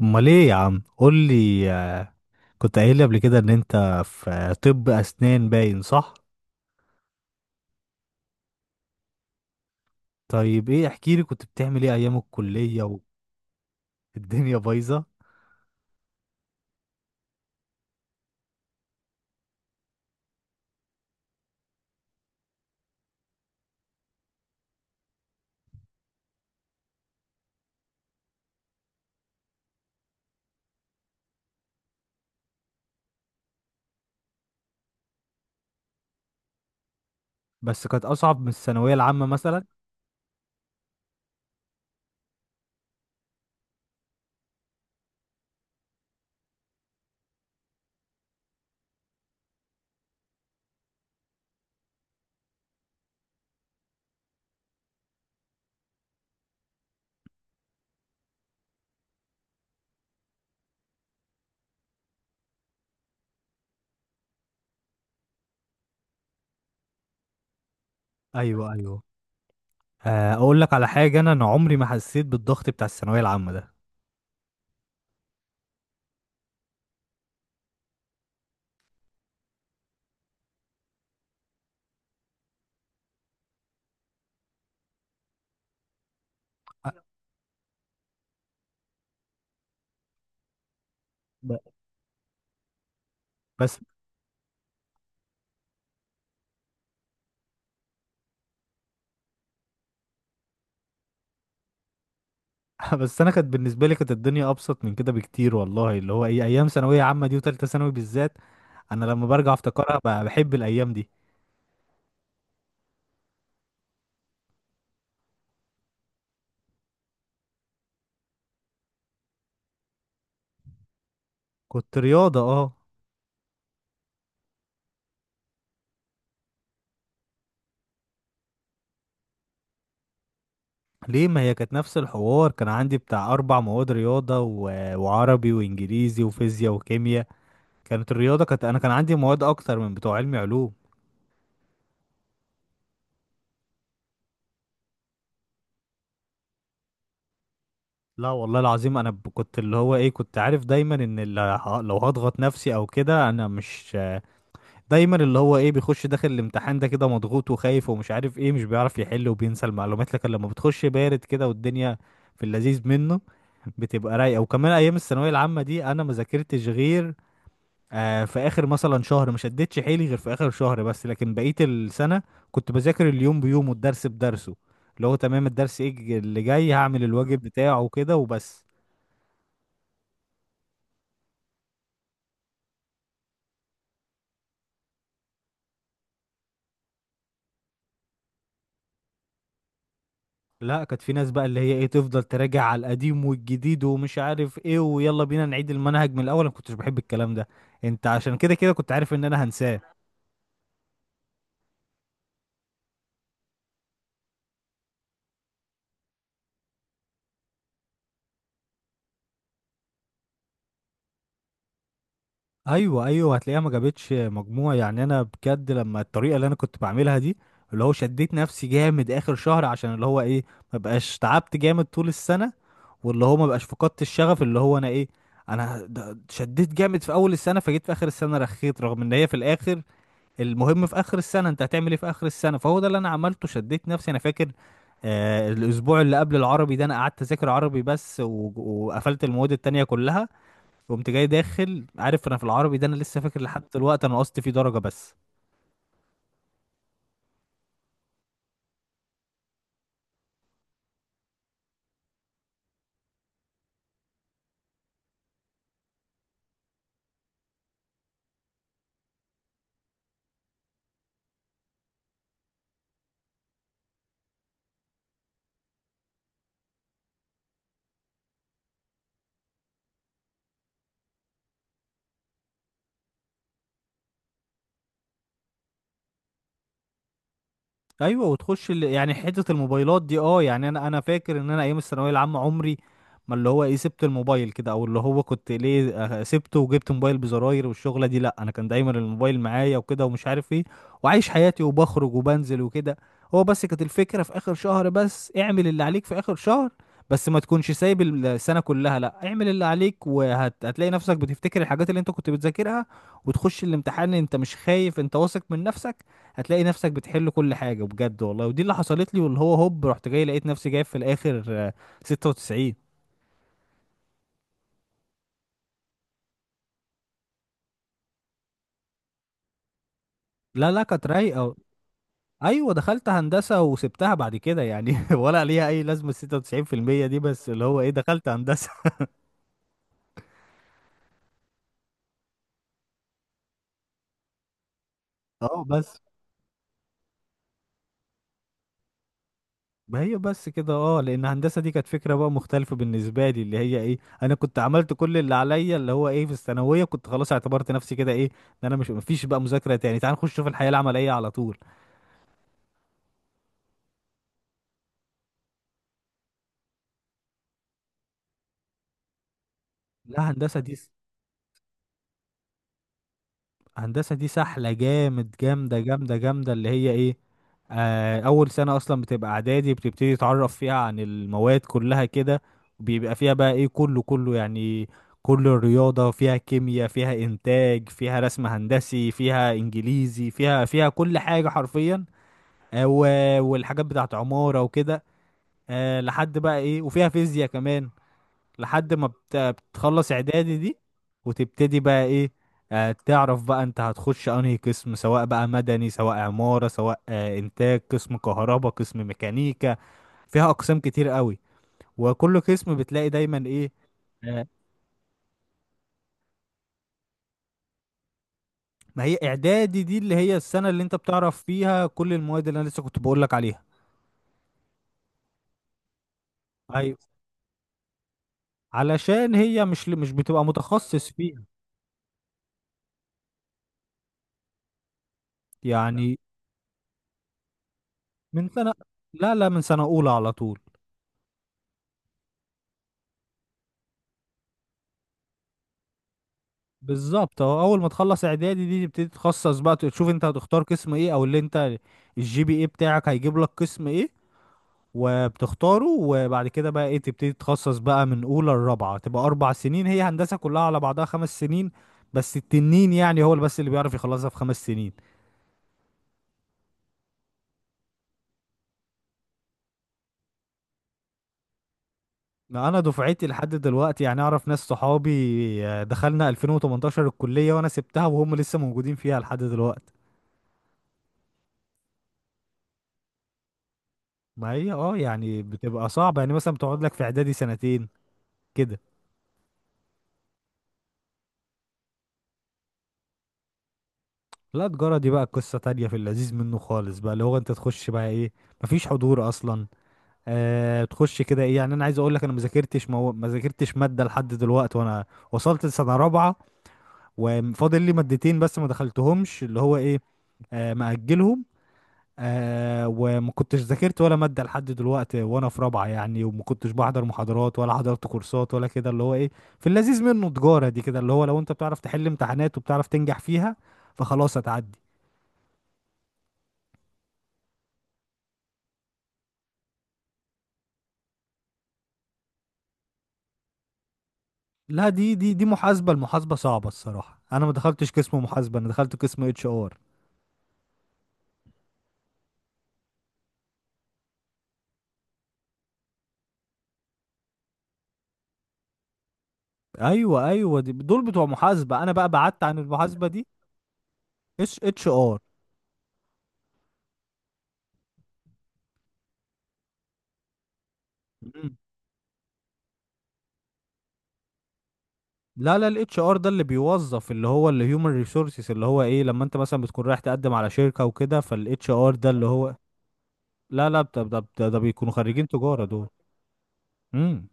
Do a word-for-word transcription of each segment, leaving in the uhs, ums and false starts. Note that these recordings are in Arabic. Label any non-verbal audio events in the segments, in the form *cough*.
امال ايه يا عم؟ قول لي، آه، كنت قايل لي قبل كده ان انت في آه، طب اسنان، باين صح؟ طيب، ايه؟ احكي لي، كنت بتعمل ايه ايام الكلية؟ والدنيا بايظة. بس كانت اصعب من الثانوية العامة مثلا؟ ايوه، ايوه. آه، اقول لك على حاجة، انا انا عمري ما حسيت بالضغط بتاع الثانوية العامة ده. أ- ب- بس *laughs* بس انا كانت بالنسبة لي، كانت الدنيا ابسط من كده بكتير، والله. اللي هو ايه ايام ثانوية عامة دي، وتالتة ثانوي بالذات، انا لما برجع افتكرها ب- بحب الايام دي. كنت رياضة، اه. ليه؟ ما هي كانت نفس الحوار، كان عندي بتاع أربع مواد رياضة و... وعربي وإنجليزي وفيزياء وكيمياء. كانت الرياضة، كانت أنا كان عندي مواد أكتر من بتوع علمي علوم. لا والله العظيم أنا ب- كنت اللي هو إيه، كنت عارف دايما إن اللي ه- لو هضغط نفسي أو كده أنا مش. دايما اللي هو إيه بيخش داخل الامتحان ده كده مضغوط وخايف ومش عارف إيه، مش بيعرف يحل وبينسى المعلومات، لكن لما بتخش بارد كده والدنيا في اللذيذ منه، بتبقى رايقه. وكمان ايام الثانويه العامه دي انا ما ذاكرتش غير آه في اخر مثلا شهر، ما شدتش حيلي غير في اخر شهر بس، لكن بقية السنة كنت بذاكر اليوم بيومه، الدرس بدرسه، اللي هو تمام الدرس ايه الج- اللي جاي هعمل الواجب بتاعه وكده وبس. لا، كانت في ناس بقى اللي هي ايه تفضل تراجع على القديم والجديد ومش عارف ايه، ويلا بينا نعيد المنهج من الاول، انا ما كنتش بحب الكلام ده. انت عشان كده كده كنت عارف ان انا هنساه. ايوه، ايوه. هتلاقيها ما جابتش مجموع يعني. انا بجد لما الطريقه اللي انا كنت بعملها دي، اللي هو شديت نفسي جامد اخر شهر عشان اللي هو ايه ما بقاش تعبت جامد طول السنه، واللي هو ما بقاش فقدت الشغف، اللي هو انا ايه انا د- شديت جامد في اول السنه، فجيت في اخر السنه رخيت، رغم ان هي في الاخر، المهم في اخر السنه انت هتعمل ايه في اخر السنه، فهو ده اللي انا عملته، شديت نفسي. انا فاكر آه الاسبوع اللي قبل العربي ده انا قعدت اذاكر عربي بس و- وقفلت المواد التانية كلها. قمت جاي داخل عارف انا في العربي ده، انا لسه فاكر لحد دلوقتي انا نقصت فيه درجه بس. ايوه، وتخش ال... يعني حته الموبايلات دي. اه، يعني انا انا فاكر ان انا ايام الثانويه العامه عمري ما اللي هو ايه سبت الموبايل كده، او اللي هو كنت ليه آه، سبته وجبت موبايل بزراير والشغله دي، لا انا كان دايما الموبايل معايا وكده ومش عارف ايه، وعايش حياتي وبخرج وبنزل وكده. هو بس كانت الفكره في اخر شهر بس، اعمل اللي عليك في اخر شهر، بس ما تكونش سايب السنه كلها. لا، اعمل اللي عليك وهتلاقي نفسك بتفتكر الحاجات اللي انت كنت بتذاكرها، وتخش الامتحان انت مش خايف، انت واثق من نفسك، هتلاقي نفسك بتحل كل حاجة بجد والله. ودي اللي حصلت لي، واللي هو هوب رحت جاي لقيت نفسي جايب في الآخر آه، ستة وتسعين. لا، لا، كانت رايقة. أيوة، دخلت هندسة وسبتها بعد كده يعني *laughs* ولا ليها أي لازمة ستة وتسعين في المية دي، بس اللي هو إيه دخلت هندسة. *laughs* اه، بس. ما هي بس كده، اه. لأن هندسة دي كانت فكرة بقى مختلفة بالنسبة لي، اللي هي إيه أنا كنت عملت كل اللي عليا، اللي هو إيه في الثانوية كنت خلاص اعتبرت نفسي كده إيه إن أنا مش، مفيش بقى مذاكرة تاني، تعال نخش في الحياة العملية على طول. لا، هندسة دي هندسة دي سحلة جامد، جامدة جامدة جامدة، اللي هي ايه آه اول سنة اصلا بتبقى اعدادي، بتبتدي تتعرف فيها عن المواد كلها كده، وبيبقى فيها بقى ايه كله كله يعني، كل الرياضة فيها، كيمياء فيها، انتاج فيها، رسم هندسي فيها، انجليزي فيها فيها كل حاجة حرفيا. آه و- والحاجات بتاعت عمارة وكده. آه لحد بقى ايه، وفيها فيزياء كمان، لحد ما بت- بتخلص اعدادي دي. وتبتدي بقى ايه. آه تعرف بقى انت هتخش انهي قسم، سواء بقى مدني، سواء عمارة، سواء آه انتاج، قسم كهرباء، قسم ميكانيكا، فيها اقسام كتير قوي، وكل قسم بتلاقي دايما ايه. آه ما هي اعدادي دي اللي هي السنة اللي انت بتعرف فيها كل المواد اللي انا لسه كنت بقول لك عليها. ايوه، علشان هي مش مش بتبقى متخصص فيها يعني. من سنة؟ لا، لا، من سنة اولى على طول. بالظبط اهو، اول ما تخلص اعدادي دي تبتدي تخصص بقى، تشوف انت هتختار قسم ايه، او اللي انت الجي بي اي بتاعك هيجيب لك قسم ايه، وبتختاره، وبعد كده بقى ايه تبتدي تتخصص بقى من اولى لرابعه، تبقى اربع سنين. هي هندسه كلها على بعضها خمس سنين، بس التنين يعني هو اللي بس اللي بيعرف يخلصها في خمس سنين. ما انا دفعتي لحد دلوقتي يعني اعرف ناس صحابي آه، دخلنا الفين وتمنتاشر الكليه وانا سبتها وهم لسه موجودين فيها لحد دلوقتي. ما هي اه يعني بتبقى صعبه يعني، مثلا بتقعد لك في اعدادي سنتين كده. لا، تجارة دي بقى قصة تانية في اللذيذ منه خالص بقى، اللي هو انت تخش بقى ايه، مفيش حضور اصلا. آه تخش كده ايه، يعني انا عايز اقول لك، انا ما ذاكرتش مو... ما ذاكرتش مادة لحد دلوقتي وانا وصلت لسنة رابعة، وفاضل لي مادتين بس ما دخلتهمش، اللي هو ايه آه مأجلهم، آه وما كنتش ذاكرت ولا مادة لحد دلوقتي وانا في رابعة يعني، وما كنتش بحضر محاضرات ولا حضرت كورسات ولا كده، اللي هو ايه في اللذيذ منه، تجارة دي كده اللي هو، لو انت بتعرف تحل امتحانات وبتعرف تنجح فيها، فخلاص هتعدي. لا، دي دي دي محاسبة، المحاسبة صعبة الصراحة، انا ما دخلتش قسم محاسبة، انا دخلت قسم اتش ار. ايوه، ايوه، دي دول بتوع محاسبة، انا بقى بعدت عن المحاسبة دي. اتش اتش ار لا، لا، الاتش ار ده اللي بيوظف، اللي هو اللي هيومن ريسورسز، اللي هو ايه لما انت مثلا بتكون رايح تقدم على شركة وكده، فالاتش ار ده اللي هو. لا، لا، بت- ده ده ده بيكونوا خريجين تجارة دول. امم.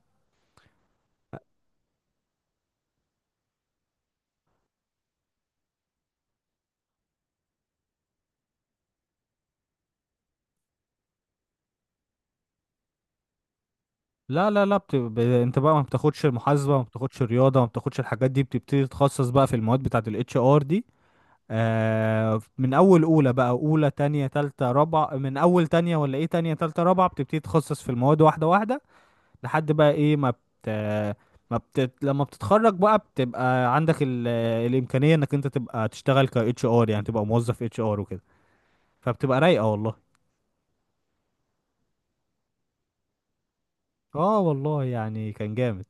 لا، لا، لا، بت... ب... انت بقى ما بتاخدش المحاسبة، ما بتاخدش الرياضة، ما بتاخدش الحاجات دي، بتبتدي تتخصص بقى في المواد بتاعة الاتش ار دي. آه من اول اولى بقى، اولى تانية تالتة رابعة، من اول تانية ولا ايه، تانية تالتة رابعة بتبتدي تخصص في المواد واحدة واحدة، لحد بقى ايه ما بت ما بت... لما بتتخرج بقى، بتبقى عندك ال... الامكانية انك انت تبقى تشتغل ك اتش ار يعني، تبقى موظف اتش ار وكده، فبتبقى رايقة والله. اه، والله يعني كان جامد.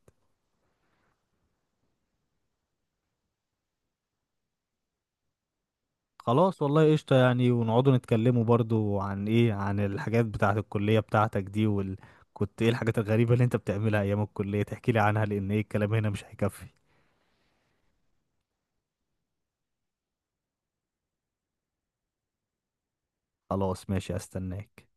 خلاص والله، قشطة يعني، ونقعدوا نتكلموا برضو عن ايه، عن الحاجات بتاعة الكلية بتاعتك دي وال... كنت ايه الحاجات الغريبة اللي انت بتعملها ايام الكلية تحكي لي عنها، لان ايه، الكلام هنا مش هيكفي. خلاص، ماشي، استناك.